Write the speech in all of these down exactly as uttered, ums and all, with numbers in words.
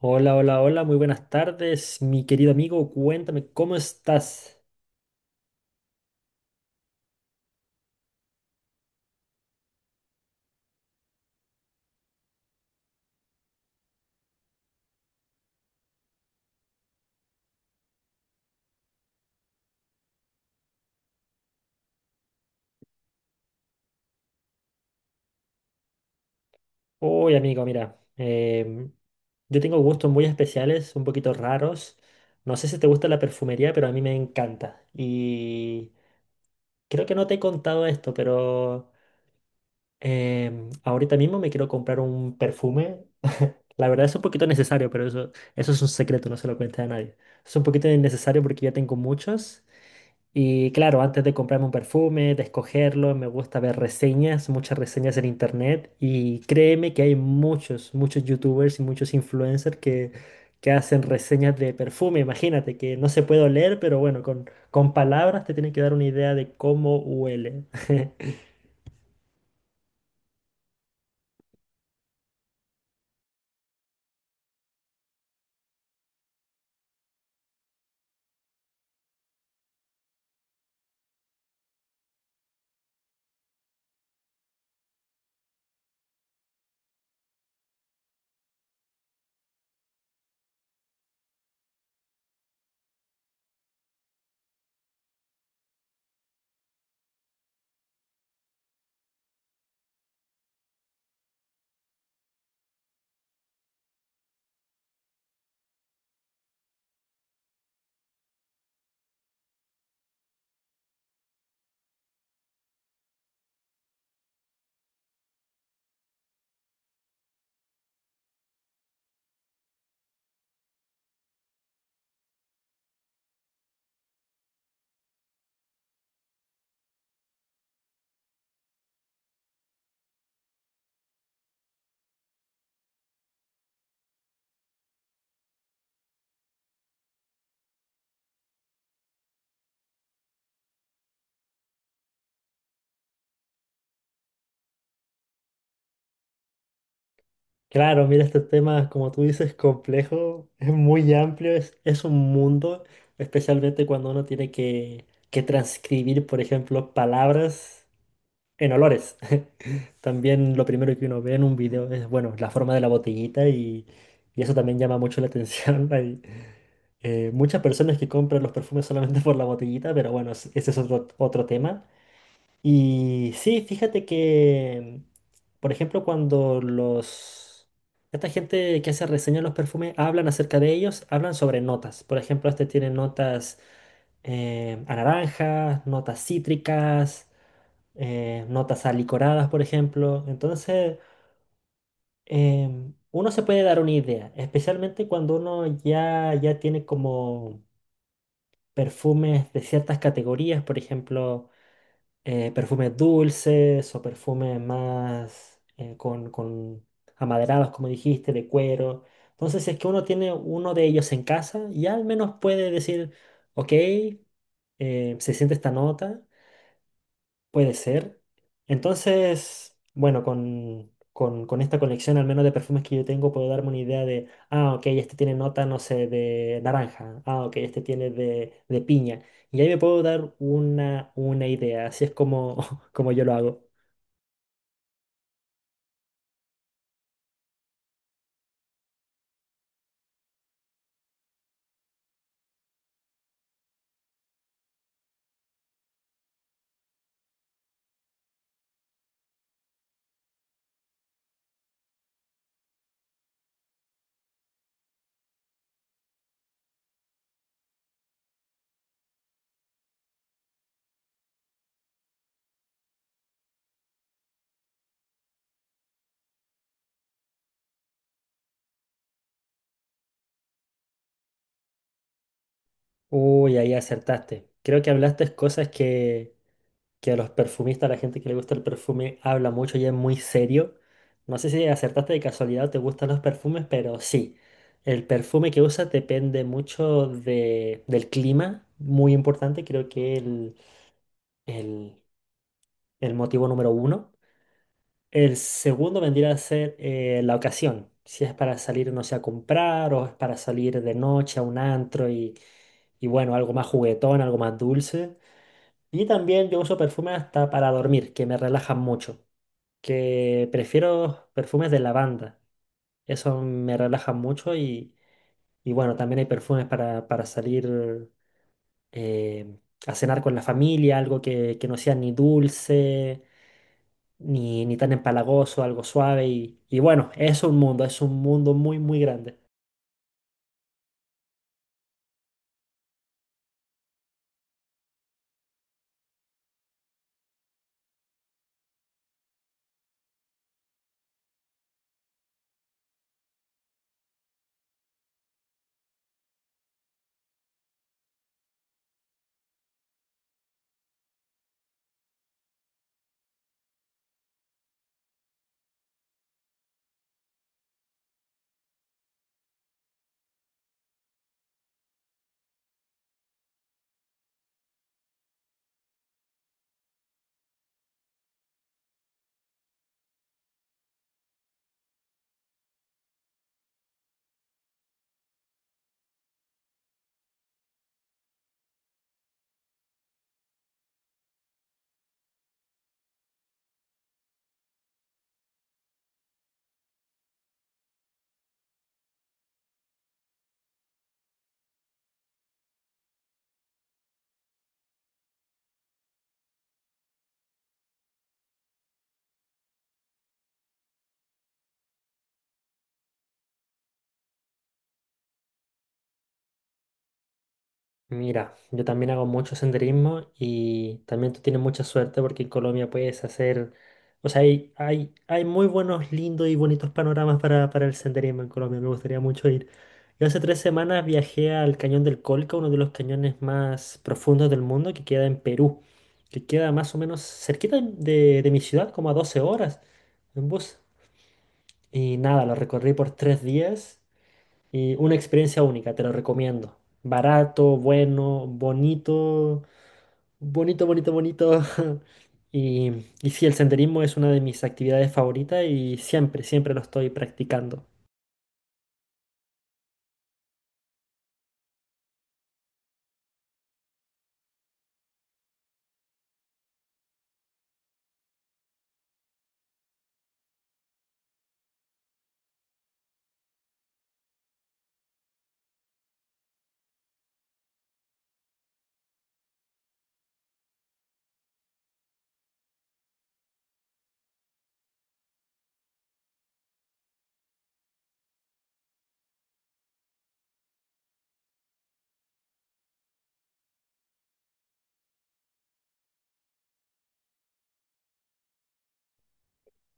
Hola, hola, hola, muy buenas tardes, mi querido amigo, cuéntame, ¿cómo estás? Hoy, amigo, mira, em, yo tengo gustos muy especiales, un poquito raros. No sé si te gusta la perfumería, pero a mí me encanta. Y creo que no te he contado esto, pero em, ahorita mismo me quiero comprar un perfume. La verdad es un poquito necesario, pero eso, eso es un secreto, no se lo cuente a nadie. Es un poquito innecesario porque ya tengo muchos. Y claro, antes de comprarme un perfume, de escogerlo, me gusta ver reseñas, muchas reseñas en internet. Y créeme que hay muchos, muchos youtubers y muchos influencers que, que hacen reseñas de perfume. Imagínate que no se puede oler, pero bueno, con, con palabras te tienen que dar una idea de cómo huele. Claro, mira, este tema, como tú dices, complejo, es muy amplio, es, es un mundo, especialmente cuando uno tiene que, que transcribir, por ejemplo, palabras. En olores. También lo primero que uno ve en un video es, bueno, la forma de la botellita y, y eso también llama mucho la atención. Hay eh, muchas personas que compran los perfumes solamente por la botellita, pero bueno, es- ese es otro, otro tema. Y sí, fíjate que, por ejemplo, cuando los... Esta gente que hace reseñas de los perfumes hablan acerca de ellos, hablan sobre notas. Por ejemplo, este tiene notas eh, a naranjas, notas cítricas, eh, notas alicoradas, por ejemplo. Entonces, em, uno se puede dar una idea, especialmente cuando uno ya, ya tiene como perfumes de ciertas categorías, por ejemplo, eh, perfumes dulces o perfumes más eh, con, con amaderados, como dijiste, de cuero. Entonces, si es que uno tiene uno de ellos en casa, ya al menos puede decir, ok, eh, se siente esta nota. Puede ser. Entonces, bueno, con, con, con esta colección, al menos de perfumes que yo tengo, puedo darme una idea de, ah, ok, este tiene nota, no sé, de naranja, ah, ok, este tiene de, de piña. Y ahí me puedo dar una, una idea, así es como, como yo lo hago. Uy, ahí acertaste. Creo que hablaste cosas que, que a los perfumistas, a la gente que le gusta el perfume, habla mucho y es muy serio. No sé si acertaste de casualidad o te gustan los perfumes, pero sí. El perfume que usas depende mucho de, del clima, muy importante, creo que el, el, el motivo número uno. El segundo vendría a ser eh, la ocasión, si es para salir, no sé, a comprar o es para salir de noche a un antro y, y bueno, algo más juguetón, algo más dulce. Y también yo uso perfume hasta para dormir, que me relajan mucho, que prefiero perfumes de lavanda. Eso me relaja mucho y, y bueno, también hay perfumes para, para salir eh, a cenar con la familia, algo que, que no sea ni dulce, ni, ni tan empalagoso, algo suave. Y, y bueno, es un mundo, es un mundo muy, muy grande. Mira, yo también hago mucho senderismo y también tú tienes mucha suerte porque en Colombia puedes hacer, o sea, hay, hay, hay muy buenos, lindos y bonitos panoramas para, para el senderismo en Colombia, me gustaría mucho ir. Yo hace tres semanas viajé al Cañón del Colca, uno de los cañones más profundos del mundo que queda en Perú, que queda más o menos cerquita de, de mi ciudad, como a doce horas en bus. Y nada, lo recorrí por tres días y una experiencia única, te lo recomiendo. Barato, bueno, bonito, bonito, bonito, bonito. Y, y sí, el senderismo es una de mis actividades favoritas y siempre, siempre lo estoy practicando.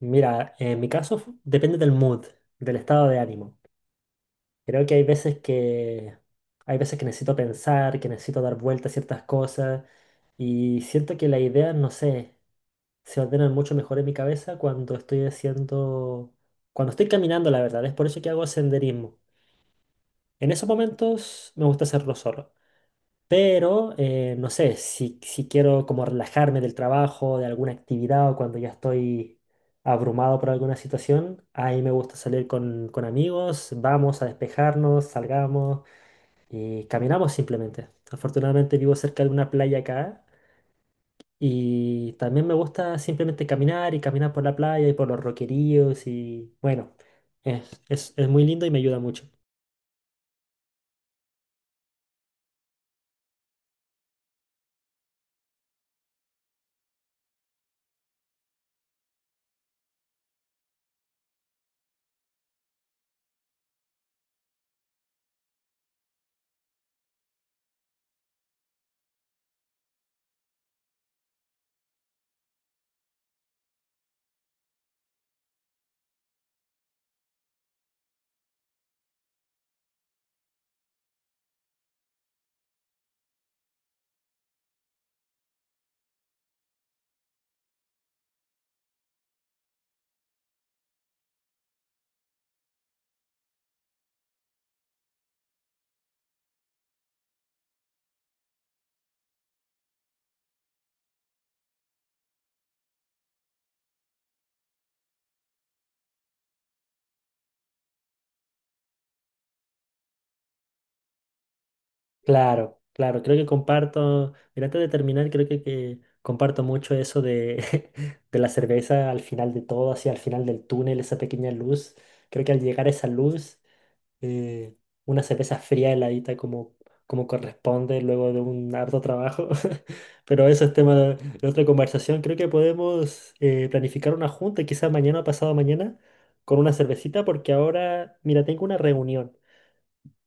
Mira, en mi caso fu- depende del mood, del estado de ánimo. Creo que hay veces que hay veces que necesito pensar, que necesito dar vuelta a ciertas cosas y siento que la idea, no sé, se ordenan mucho mejor en mi cabeza cuando estoy haciendo, cuando estoy caminando, la verdad. Es por eso que hago senderismo. En esos momentos me gusta hacerlo solo. Pero, eh, no sé, si, si quiero como relajarme del trabajo, de alguna actividad o cuando ya estoy abrumado por alguna situación, ahí me gusta salir con, con amigos, vamos a despejarnos, salgamos y caminamos simplemente. Afortunadamente vivo cerca de una playa acá y también me gusta simplemente caminar y caminar por la playa y por los roqueríos y bueno, es, es, es muy lindo y me ayuda mucho. Claro, claro, creo que comparto, mira, antes de terminar, creo que, que comparto mucho eso de, de la cerveza al final de todo, así al final del túnel, esa pequeña luz. Creo que al llegar a esa luz, eh, una cerveza fría heladita como, como corresponde luego de un harto trabajo. Pero eso es tema de, de otra conversación. Creo que podemos eh, planificar una junta, quizás mañana o pasado mañana, con una cervecita, porque ahora, mira, tengo una reunión.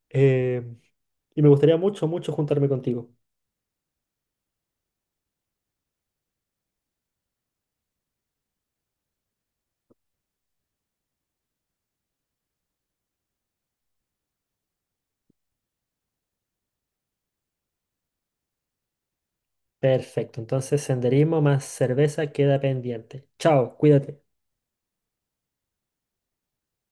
eh, y me gustaría mucho, mucho juntarme contigo. Perfecto, entonces senderismo más cerveza queda pendiente. Chao, cuídate.